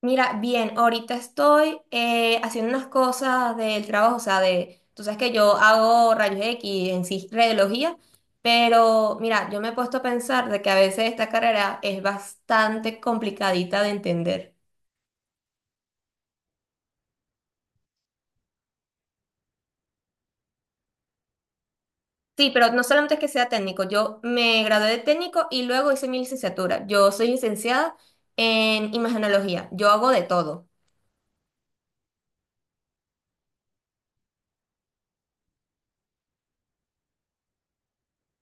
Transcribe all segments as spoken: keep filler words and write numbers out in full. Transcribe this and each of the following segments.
Mira, bien, ahorita estoy eh, haciendo unas cosas del trabajo, o sea, de, tú sabes que yo hago rayos X en sí, radiología, pero mira, yo me he puesto a pensar de que a veces esta carrera es bastante complicadita de entender. Sí, pero no solamente es que sea técnico, yo me gradué de técnico y luego hice mi licenciatura. Yo soy licenciada en imagenología, yo hago de todo.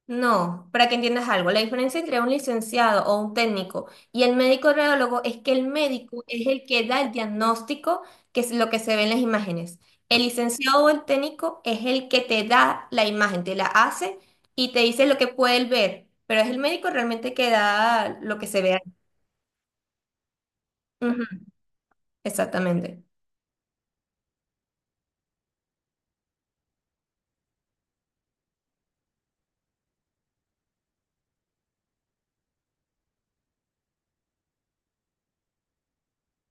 No, para que entiendas algo, la diferencia entre un licenciado o un técnico y el médico radiólogo es que el médico es el que da el diagnóstico, que es lo que se ve en las imágenes. El licenciado o el técnico es el que te da la imagen, te la hace y te dice lo que puede él ver, pero es el médico realmente que da lo que se ve ahí. Ujú, exactamente.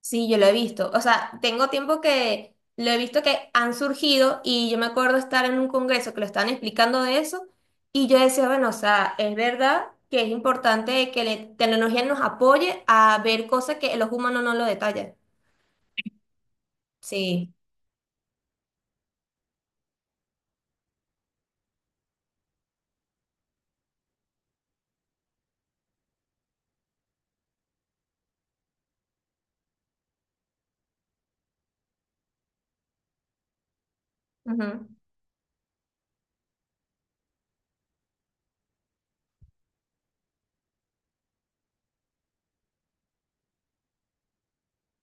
Sí, yo lo he visto. O sea, tengo tiempo que lo he visto que han surgido y yo me acuerdo estar en un congreso que lo estaban explicando de eso y yo decía, bueno, o sea, es verdad que es importante que la tecnología nos apoye a ver cosas que los humanos no lo detallan. Sí. Ujú,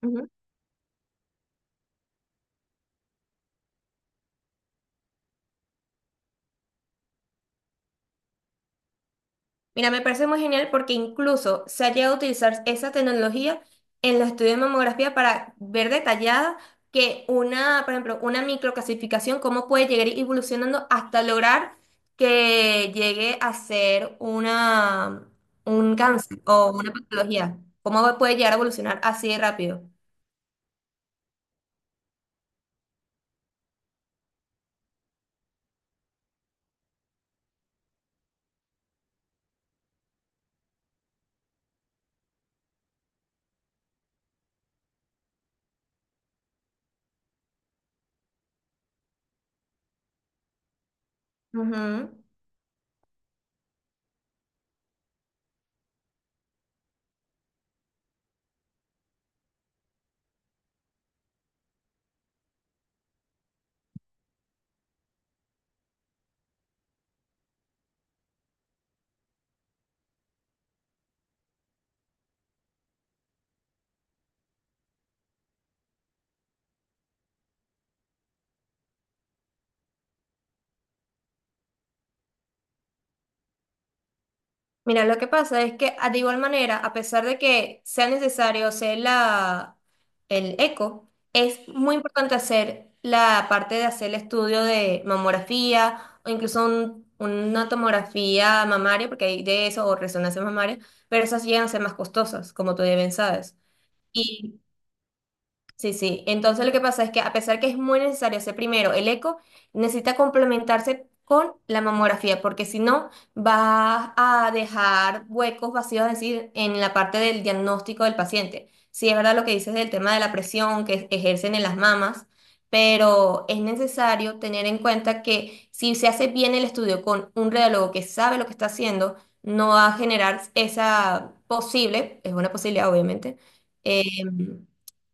ujú. Mira, me parece muy genial porque incluso se ha llegado a utilizar esa tecnología en los estudios de mamografía para ver detallada que una, por ejemplo, una microclasificación, cómo puede llegar evolucionando hasta lograr que llegue a ser una, un cáncer o una patología. Cómo puede llegar a evolucionar así de rápido. Ujú. Mira, lo que pasa es que ah, de igual manera, a pesar de que sea necesario hacer la, el eco, es muy importante hacer la parte de hacer el estudio de mamografía o incluso un- una tomografía mamaria, porque hay de eso, o resonancia mamaria, pero esas llegan a ser más costosas, como tú ya bien sabes. Sí, sí. Entonces lo que pasa es que a pesar que es muy necesario hacer primero el eco, necesita complementarse con la mamografía, porque si no vas a dejar huecos vacíos, es decir, en la parte del diagnóstico del paciente. Sí, es verdad lo que dices del tema de la presión que ejercen en las mamas, pero es necesario tener en cuenta que si se hace bien el estudio con un radiólogo que sabe lo que está haciendo, no va a generar esa posible, es una posibilidad obviamente, em,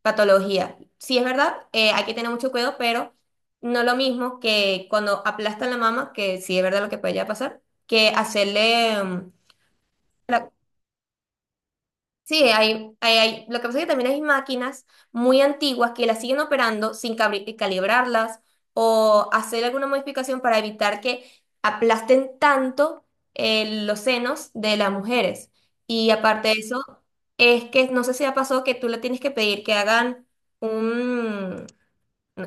patología. Sí, es verdad, eh, hay que tener mucho cuidado, pero no lo mismo que cuando aplastan la mama, que sí es verdad lo que puede llegar a pasar, que hacerle... mm, la- Sí, hay, hay, hay- lo que pasa es que también hay máquinas muy antiguas que las siguen operando sin cabri- calibrarlas o hacer alguna modificación para evitar que aplasten tanto eh, los senos de las mujeres. Y aparte de eso, es que no sé si ha pasado que tú le tienes que pedir que hagan... un,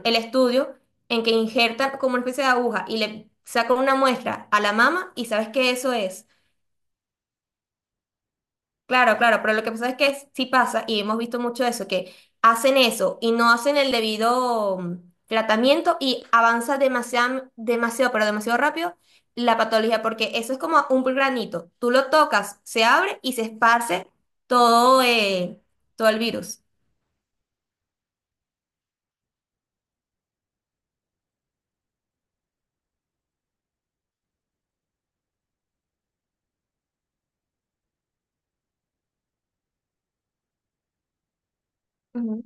el estudio en que injertan como una especie de aguja y le sacan una muestra a la mama y sabes que eso es. Claro, claro, pero lo que pasa es que sí pasa y hemos visto mucho eso, que hacen eso y no hacen el debido mm, tratamiento y avanza demasiado, demasiado, pero demasiado rápido la patología, porque eso es como un granito. Tú lo tocas, se abre y se esparce todo, eh, todo el virus. Ujú.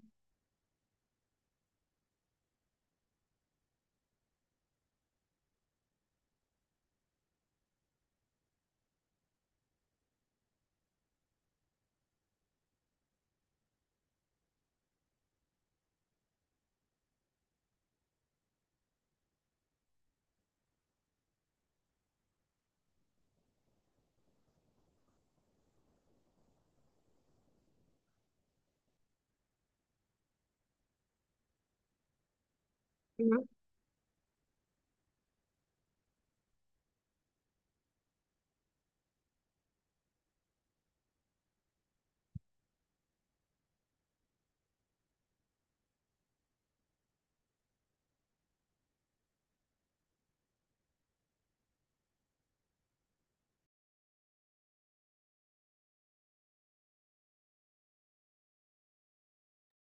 Ujú.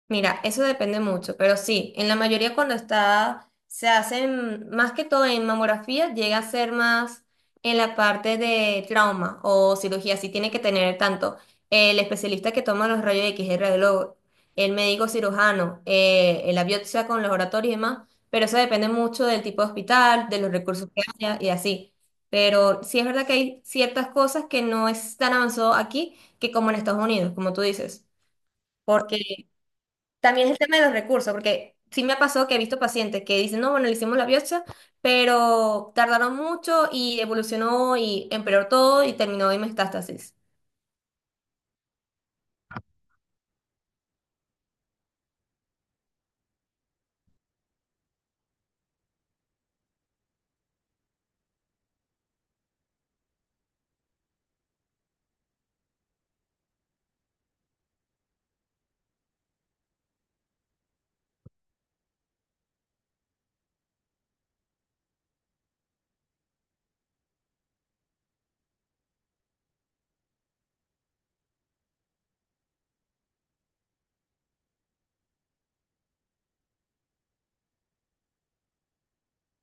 Mira, eso depende mucho, pero sí, en la mayoría cuando está, se hacen más que todo en mamografía, llega a ser más en la parte de trauma o cirugía, sí tiene que tener tanto el especialista que toma los rayos X, el radiólogo, el médico cirujano, eh, la biopsia con los oratorios y demás, pero eso depende mucho del tipo de hospital, de los recursos que haya y así. Pero sí es verdad que hay ciertas cosas que no es tan avanzado aquí que como en Estados Unidos, como tú dices. Porque también el tema de los recursos, porque sí me ha pasado que he visto pacientes que dicen, no, bueno, le hicimos la biopsia, pero tardaron mucho y evolucionó y empeoró todo y terminó en metástasis.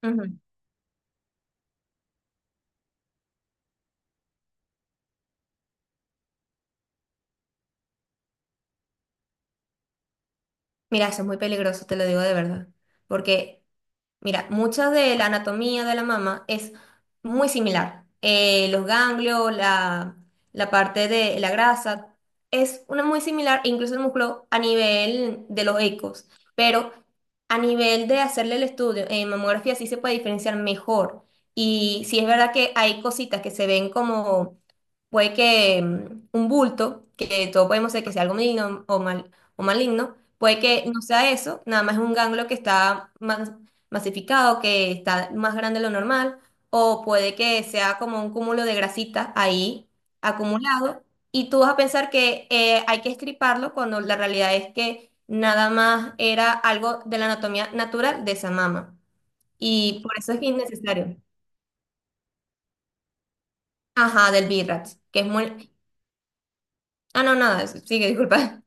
Ujú. Mira, eso es muy peligroso, te lo digo de verdad, porque mira, mucha de la anatomía de la mama es muy similar. Eh, los ganglios, la, la parte de la grasa, es una muy similar, incluso el músculo a nivel de los ecos. Pero a nivel de hacerle el estudio en mamografía sí se puede diferenciar mejor. Y sí es verdad que hay cositas que se ven como, puede que mm, un bulto, que todos podemos ser que sea algo maligno o, mal, o maligno, puede que no sea eso, nada más es un ganglio que está más masificado, que está más grande de lo normal, o puede que sea como un cúmulo de grasita ahí acumulado, y tú vas a pensar que eh, hay que estriparlo cuando la realidad es que nada más era algo de la anatomía natural de esa mama. Y por eso es que es innecesario. Ajá, del birrax, que es muy... Ah, no, nada, sigue, disculpa.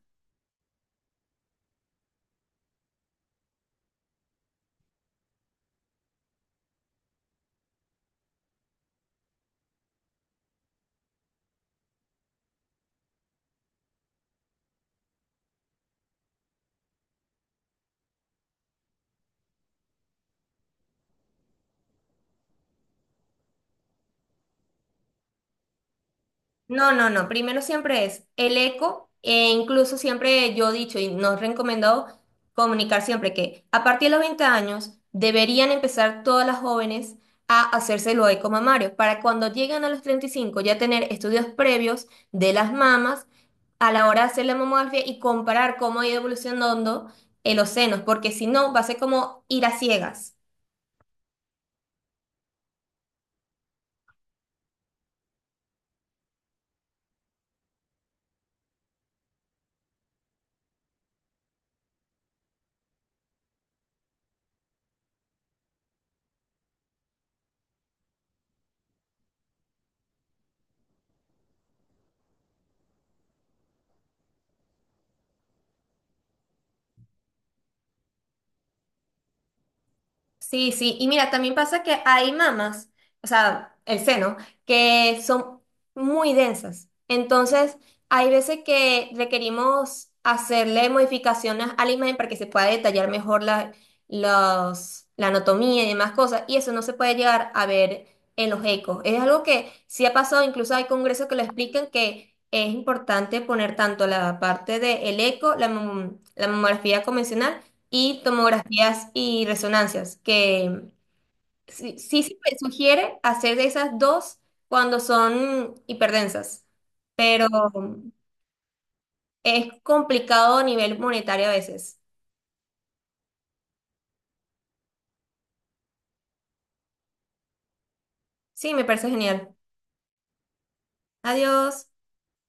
No, no, no. Primero siempre es el eco, e incluso siempre yo he dicho y nos he recomendado comunicar siempre que a partir de los veinte años deberían empezar todas las jóvenes a hacerse los eco mamarios para cuando lleguen a los treinta y cinco ya tener estudios previos de las mamas a la hora de hacer la mamografía y comparar cómo ha ido evolucionando en los senos, porque si no va a ser como ir a ciegas. Sí, sí, y mira, también pasa que hay mamas, o sea, el seno, que son muy densas. Entonces, hay veces que requerimos hacerle modificaciones a la imagen para que se pueda detallar mejor la, los- la anatomía y demás cosas, y eso no se puede llegar a ver en los ecos. Es algo que sí ha pasado, incluso hay congresos que lo explican que es importante poner tanto la parte del eco, la, mom- la mamografía convencional, y tomografías y resonancias, que sí, sí se me sugiere hacer esas dos cuando son hiperdensas, pero es complicado a nivel monetario a veces. Sí, me parece genial. Adiós.